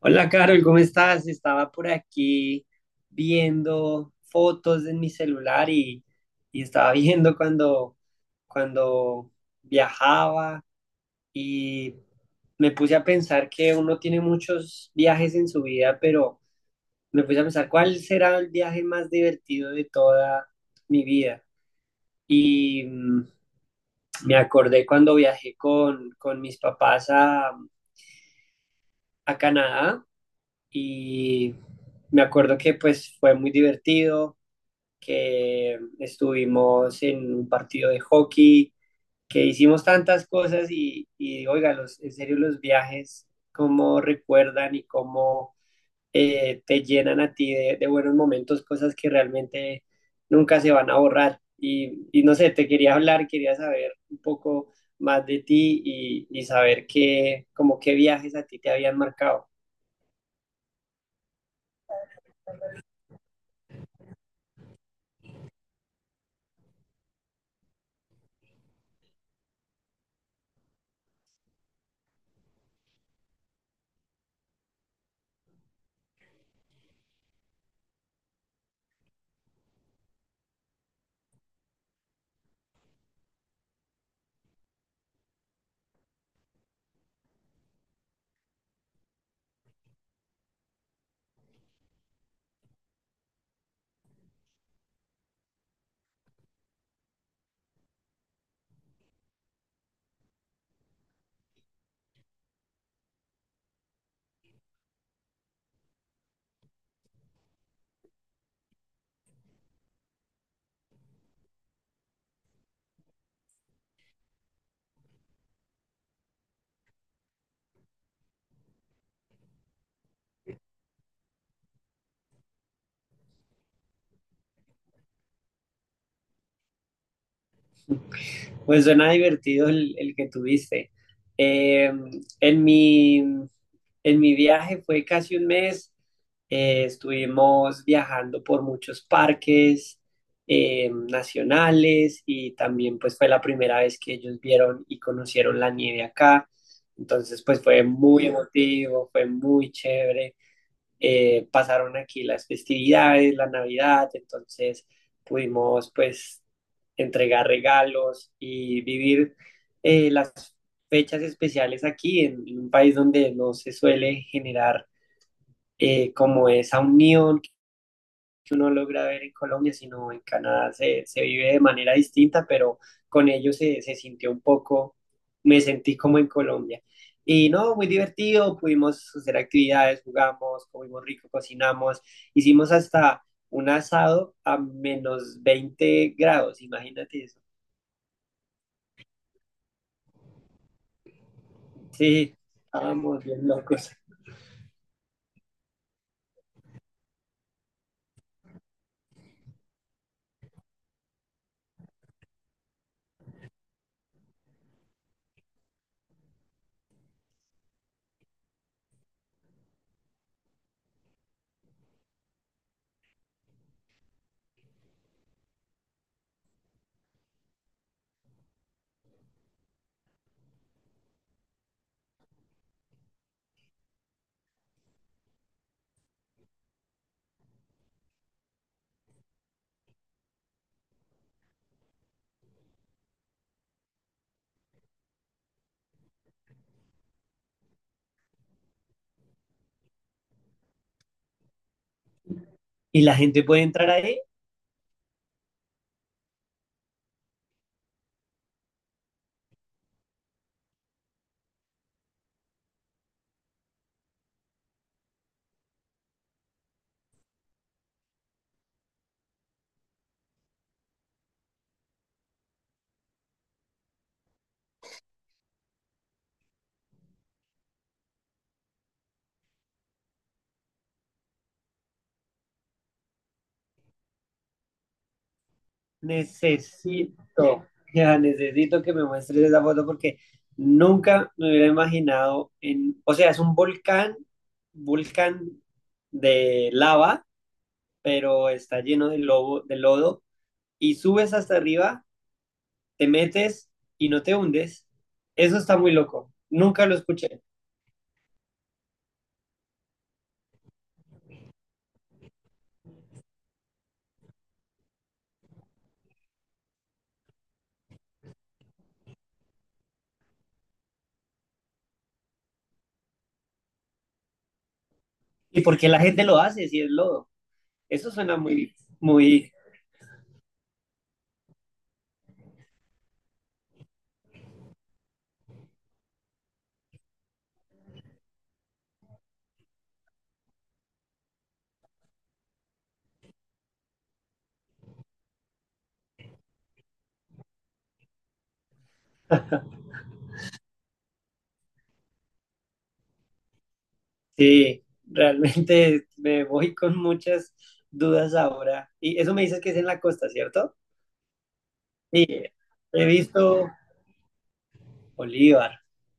Hola Carol, ¿cómo estás? Estaba por aquí viendo fotos en mi celular y estaba viendo cuando viajaba y me puse a pensar que uno tiene muchos viajes en su vida, pero me puse a pensar cuál será el viaje más divertido de toda mi vida. Y me acordé cuando viajé con mis papás a Canadá y me acuerdo que pues fue muy divertido, que estuvimos en un partido de hockey, que hicimos tantas cosas y oiga, los, en serio los viajes, cómo recuerdan y cómo te llenan a ti buenos momentos, cosas que realmente nunca se van a borrar. No sé, te quería hablar, quería saber un poco más de ti y saber qué, como qué viajes a ti te habían marcado. Pues suena divertido el que tuviste. Eh, en mi, en mi viaje fue casi un mes. Eh, estuvimos viajando por muchos parques nacionales y también pues fue la primera vez que ellos vieron y conocieron la nieve acá. Entonces pues fue muy emotivo, fue muy chévere. Eh, pasaron aquí las festividades, la Navidad, entonces pudimos pues entregar regalos y vivir las fechas especiales en un país donde no se suele generar como esa unión que uno logra ver en Colombia, sino en Canadá se vive de manera distinta, pero con ellos se sintió un poco, me sentí como en Colombia. Y no, muy divertido, pudimos hacer actividades, jugamos, comimos rico, cocinamos, hicimos hasta un asado a menos 20 grados, imagínate eso. Sí, estábamos bien locos. Y la gente puede entrar ahí. Necesito, ya necesito que me muestres esa foto porque nunca me hubiera imaginado en, o sea, es un volcán, volcán de lava, pero está lleno de lobo, de lodo y subes hasta arriba, te metes y no te hundes. Eso está muy loco. Nunca lo escuché. ¿Y por qué la gente lo hace si es lodo? Eso suena muy, muy. Sí, realmente me voy con muchas dudas ahora. Y eso me dices que es en la costa, ¿cierto? Sí, he visto Bolívar.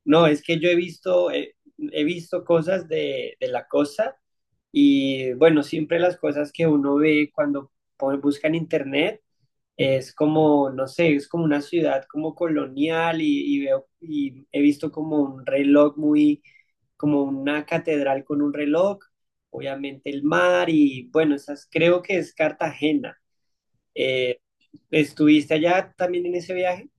No, es que yo he visto, visto cosas de la costa y bueno, siempre las cosas que uno ve cuando pone- busca en internet. Es como, no sé, es como una ciudad como colonial y veo y he visto como un reloj muy, como una catedral con un reloj, obviamente el mar y bueno, esas creo que es Cartagena. Eh, ¿Estuviste allá también en ese viaje?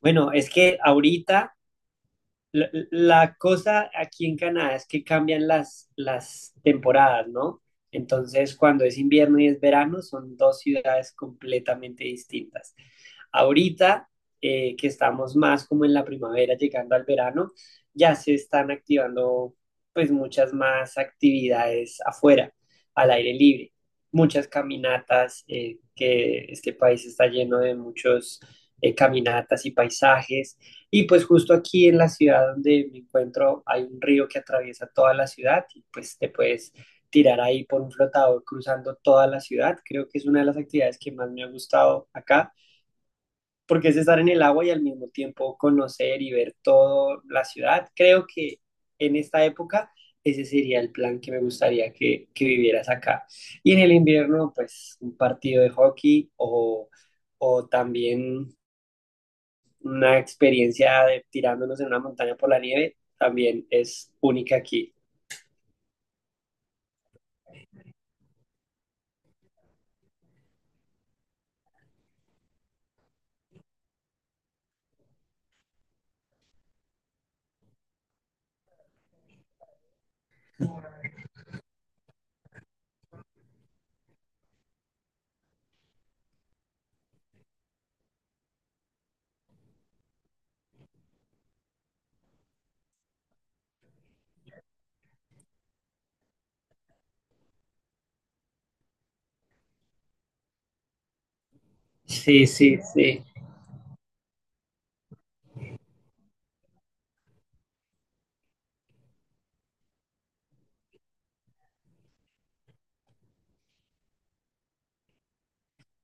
Bueno, es que ahorita la cosa aquí en Canadá es que cambian las temporadas, ¿no? Entonces, cuando es invierno y es verano, son dos ciudades completamente distintas. Ahorita, que estamos más como en la primavera, llegando al verano, ya se están activando pues muchas más actividades afuera, al aire libre, muchas caminatas, que este país está lleno de muchos caminatas y paisajes y pues justo aquí en la ciudad donde me encuentro hay un río que atraviesa toda la ciudad y pues te puedes tirar ahí por un flotador cruzando toda la ciudad. Creo que es una de las actividades que más me ha gustado acá porque es estar en el agua y al mismo tiempo conocer y ver toda la ciudad. Creo que en esta época ese sería el plan que me gustaría que vivieras acá. Y en el invierno, pues un partido de hockey o también una experiencia de tirándonos en una montaña por la nieve también es única aquí. Sí, sí, sí.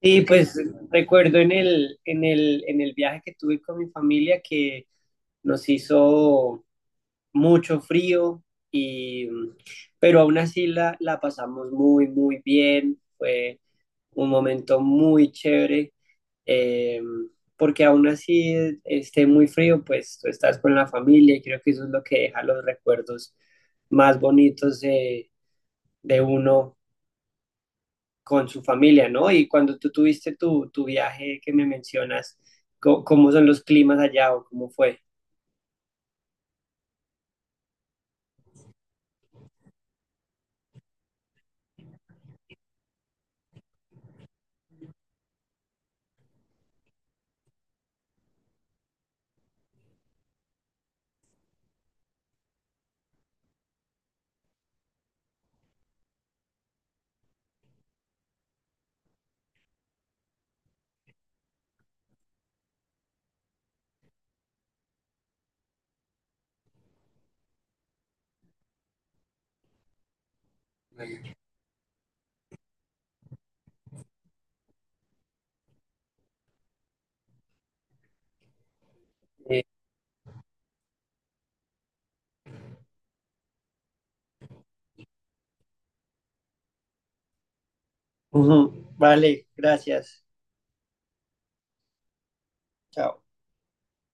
Y pues recuerdo en el viaje que tuve con mi familia que nos hizo mucho frío, y, pero aún así la pasamos muy, muy bien. Fue un momento muy chévere, eh, porque aún así esté muy frío, pues tú estás con la familia y creo que eso es lo que deja los recuerdos más bonitos de uno con su familia, ¿no? Y cuando tú tuviste tu viaje que me mencionas, ¿cómo son los climas allá o cómo fue? Eh, ujú. Vale, gracias. Chao.